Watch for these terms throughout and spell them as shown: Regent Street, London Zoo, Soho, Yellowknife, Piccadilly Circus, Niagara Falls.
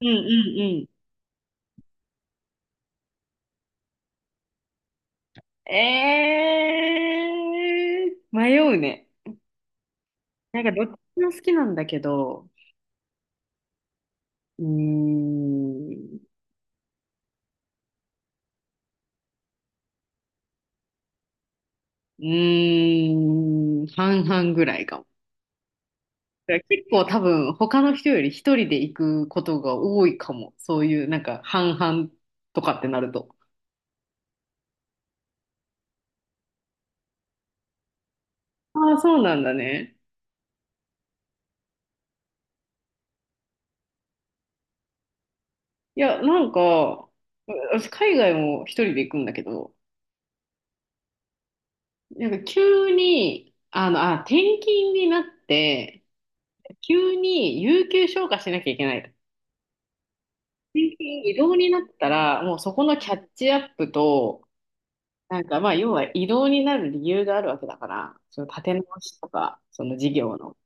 うんうんうん。迷うね。なんかどっちも好きなんだけど、うーん、うーん、半々ぐらいかも。だから結構多分他の人より一人で行くことが多いかも。そういうなんか半々とかってなると。ああ、そうなんだね。いや、なんか、私海外も一人で行くんだけど、なんか急に、転勤になって、急に有給消化しなきゃいけない。緊急移動になったら、もうそこのキャッチアップと、なんかまあ、要は移動になる理由があるわけだから、その立て直しとか、その事業の。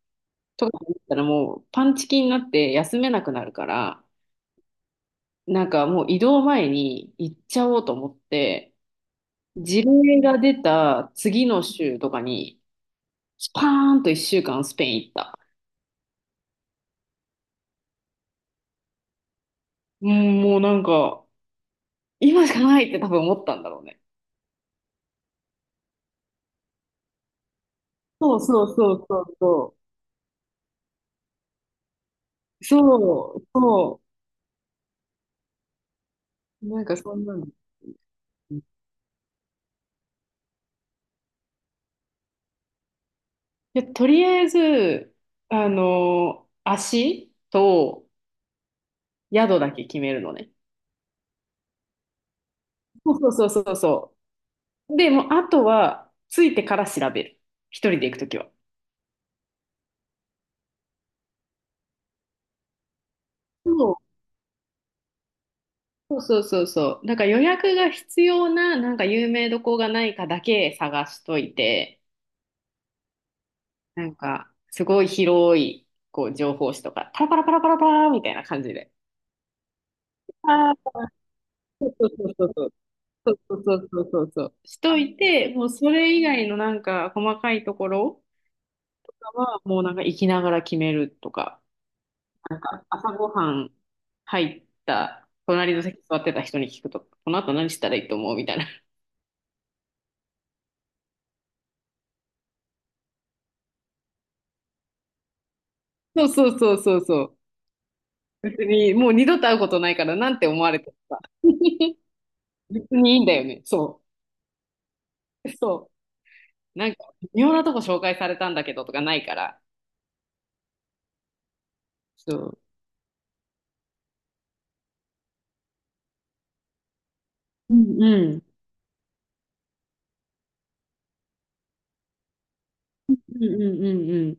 とかだったらもうパンチキになって休めなくなるから、なんかもう移動前に行っちゃおうと思って、事例が出た次の週とかに、スパーンと1週間スペイン行った。うんもうなんか、今しかないって多分思ったんだろうね。そうそうそうそうそう。そう、そう、なんかそんなの。で、とりあえず、足と宿だけ決めるのね。そうそうそうそうそう。で、もうあとは、ついてから調べる。一人で行くときは。そうそうそうそう。なんか予約が必要な、なんか有名どこがないかだけ探しといて、なんか、すごい広い、こう、情報誌とか、パラパラパラパラパラみたいな感じで。ああ、そうそうそうそう。そうそうそうそうそうそう。しといて、もうそれ以外のなんか細かいところはもうなんか行きながら決めるとか、朝ごはん入った隣の席座ってた人に聞くとか、この後何したらいいと思うみたいな。そうそうそうそうそう。別にもう二度と会うことないからなんて思われてるか。別にいいんだよね。そう。そう。なんか微妙なとこ紹介されたんだけどとかないから。そう。うんうん。うんうんうん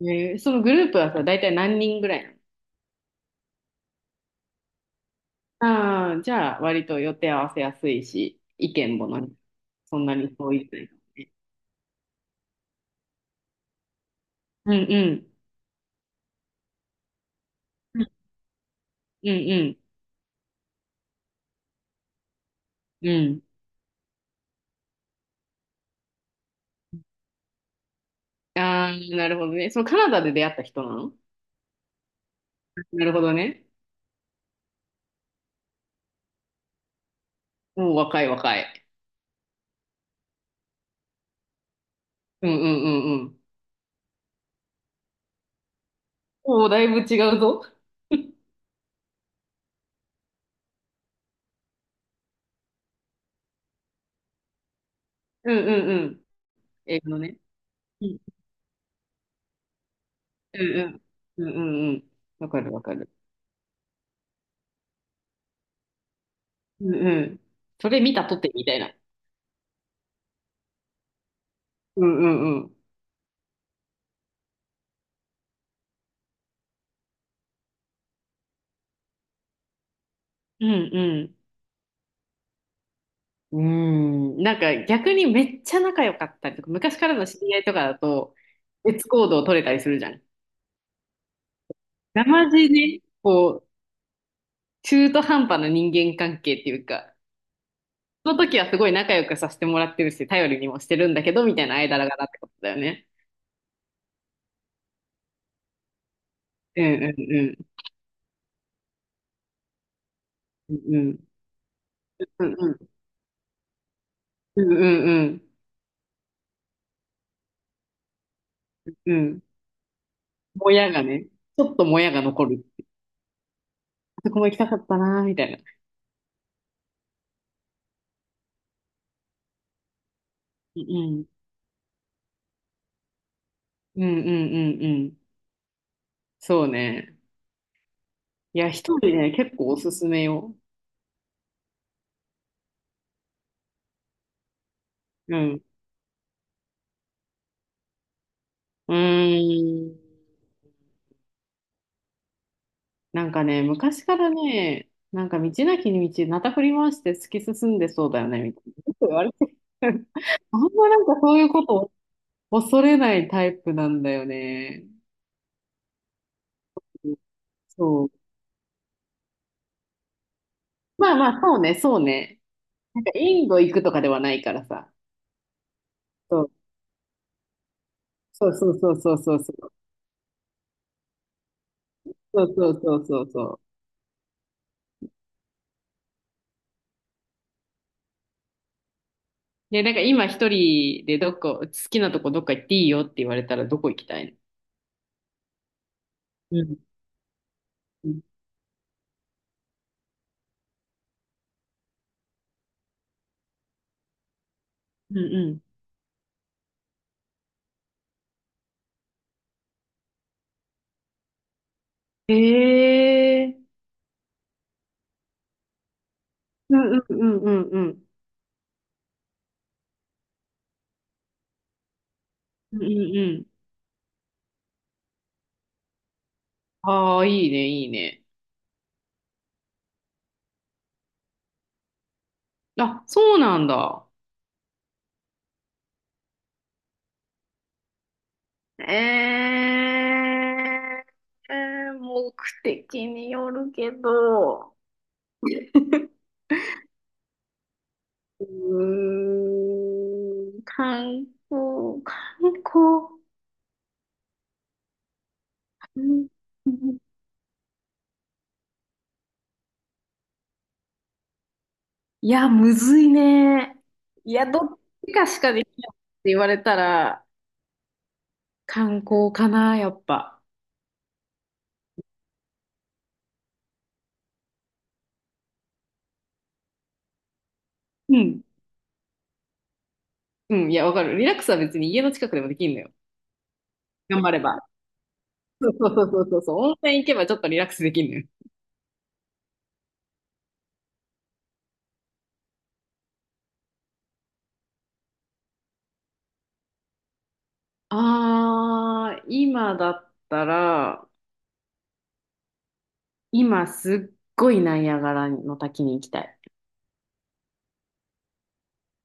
うん。そのグループはさ、大体何人ぐらいなの？ああ、じゃあ、割と予定合わせやすいし、意見もなにそんなに遠いというかね。うんうん。うんうんうん。ああ、なるほどね。そのカナダで出会った人なの？なるほどね。もう若い若い。うんうんうんうん。もうだいぶ違うぞ。うんうんうん。英語のね。うんうんうん。うんうんうん。わかるわかる。うんうん。それ見たとてみたいな。うんうんうん。うんうん。うーん、なんか逆にめっちゃ仲良かったりとか、昔からの知り合いとかだと、別行動取れたりするじゃん。なまじね、こう、中途半端な人間関係っていうか、その時はすごい仲良くさせてもらってるし、頼りにもしてるんだけど、みたいな間柄だってことだよね。うんうんうん。うんうん。うんうんうん。うん。もやがね、ちょっともやが残る。あそこも行きたかったな、みたいな。うんうん。うんうんうんうん。そうね。いや、一人ね、結構おすすめよ。うん。うーん。なんかね、昔からね、なんか道なきに道、なた振り回して突き進んでそうだよね、みたいな。よく言われてる。あんまなんかそういうことを恐れないタイプなんだよね。そう。まあまあ、そうね、そうね。なんかインド行くとかではないからさ。そう。そうそうそうそうそうそう。そうそうそうそうそう。で、なんか今一人でどこ、好きなとこどっか行っていいよって言われたらどこ行きたいの？うん。うんうんへえ。うんうんうんうんうん。うんうんうん。ああ、いいね、いいね。あ、そうなんだ。え目的によるけど、うーん、観光、観光。うんいや、むずいね。いや、どっちかしかできないって言われたら、観光かな、やっぱ。うん。うん、いや、わかる。リラックスは別に家の近くでもできんのよ。頑張れば。そうそうそうそうそうそう。温泉行けばちょっとリラックスできんのよ。今だったら、今すっごいナイアガラの滝に行きたい。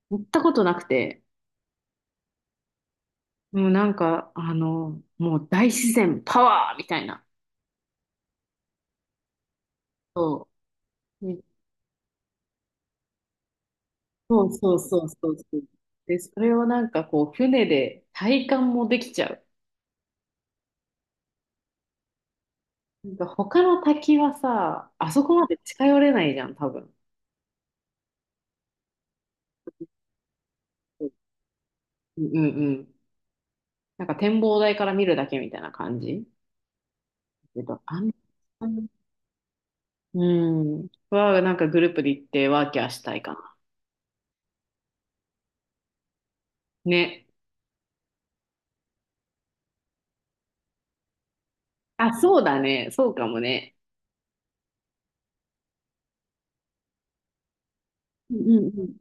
行ったことなくて、もうなんか、もう大自然パワーみたいな。そう。うんそうそうそうそうそう。で、それをなんかこう、船で体感もできちゃう。なんか他の滝はさ、あそこまで近寄れないじゃん、多分。うんうんうん。なんか展望台から見るだけみたいな感じ。あんま、うん。は、なんかグループで行ってワーキャーしたいかな。ね。あ、そうだね。そうかもね。うんうんうん。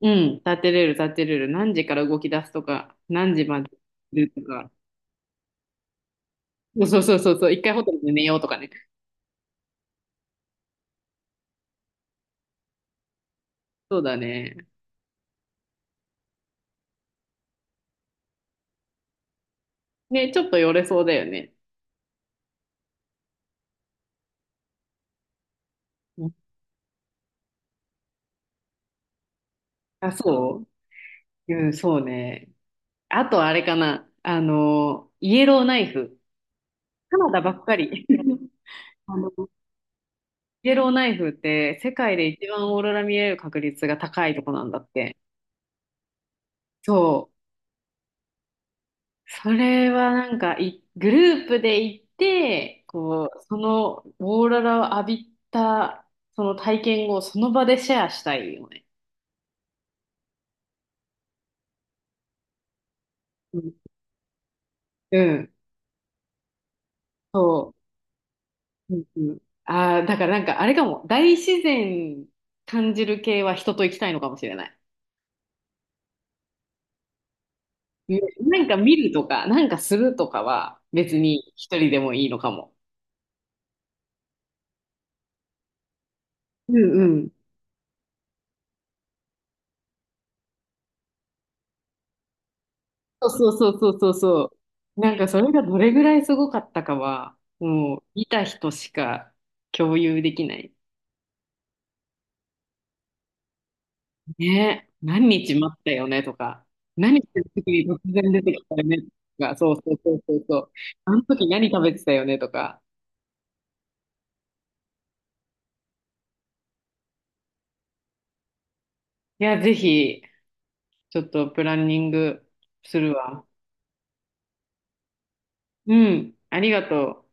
うん、立てれる、立てれる。何時から動き出すとか、何時までいるとか。そうそうそうそう、一回ホテルで寝ようとかね。そうだね。ね、ちょっと寄れそうだよね。うんあ、そううん、そうね。あとあれかな。あの、イエローナイフ。カナダばっかり。あのイエローナイフって世界で一番オーロラ見れる確率が高いとこなんだって。そう。それはなんかグループで行って、こう、そのオーロラを浴びた、その体験をその場でシェアしたいよね。うん。うんそう。うんうん。ああ、だからなんかあれかも。大自然感じる系は人と行きたいのかもしれない。ねなんか見るとか、なんかするとかは別に一人でもいいのかも。うんうん。そうそうそうそうそう。なんかそれがどれぐらいすごかったかは、もう見た人しか共有できない。ね、何日待ったよねとか、何してる時に突然出てきたよねとか、そうそうそうそうそう。あの時何食べてたよねとか。いや、ぜひ、ちょっとプランニングするわ。うん、ありがとう。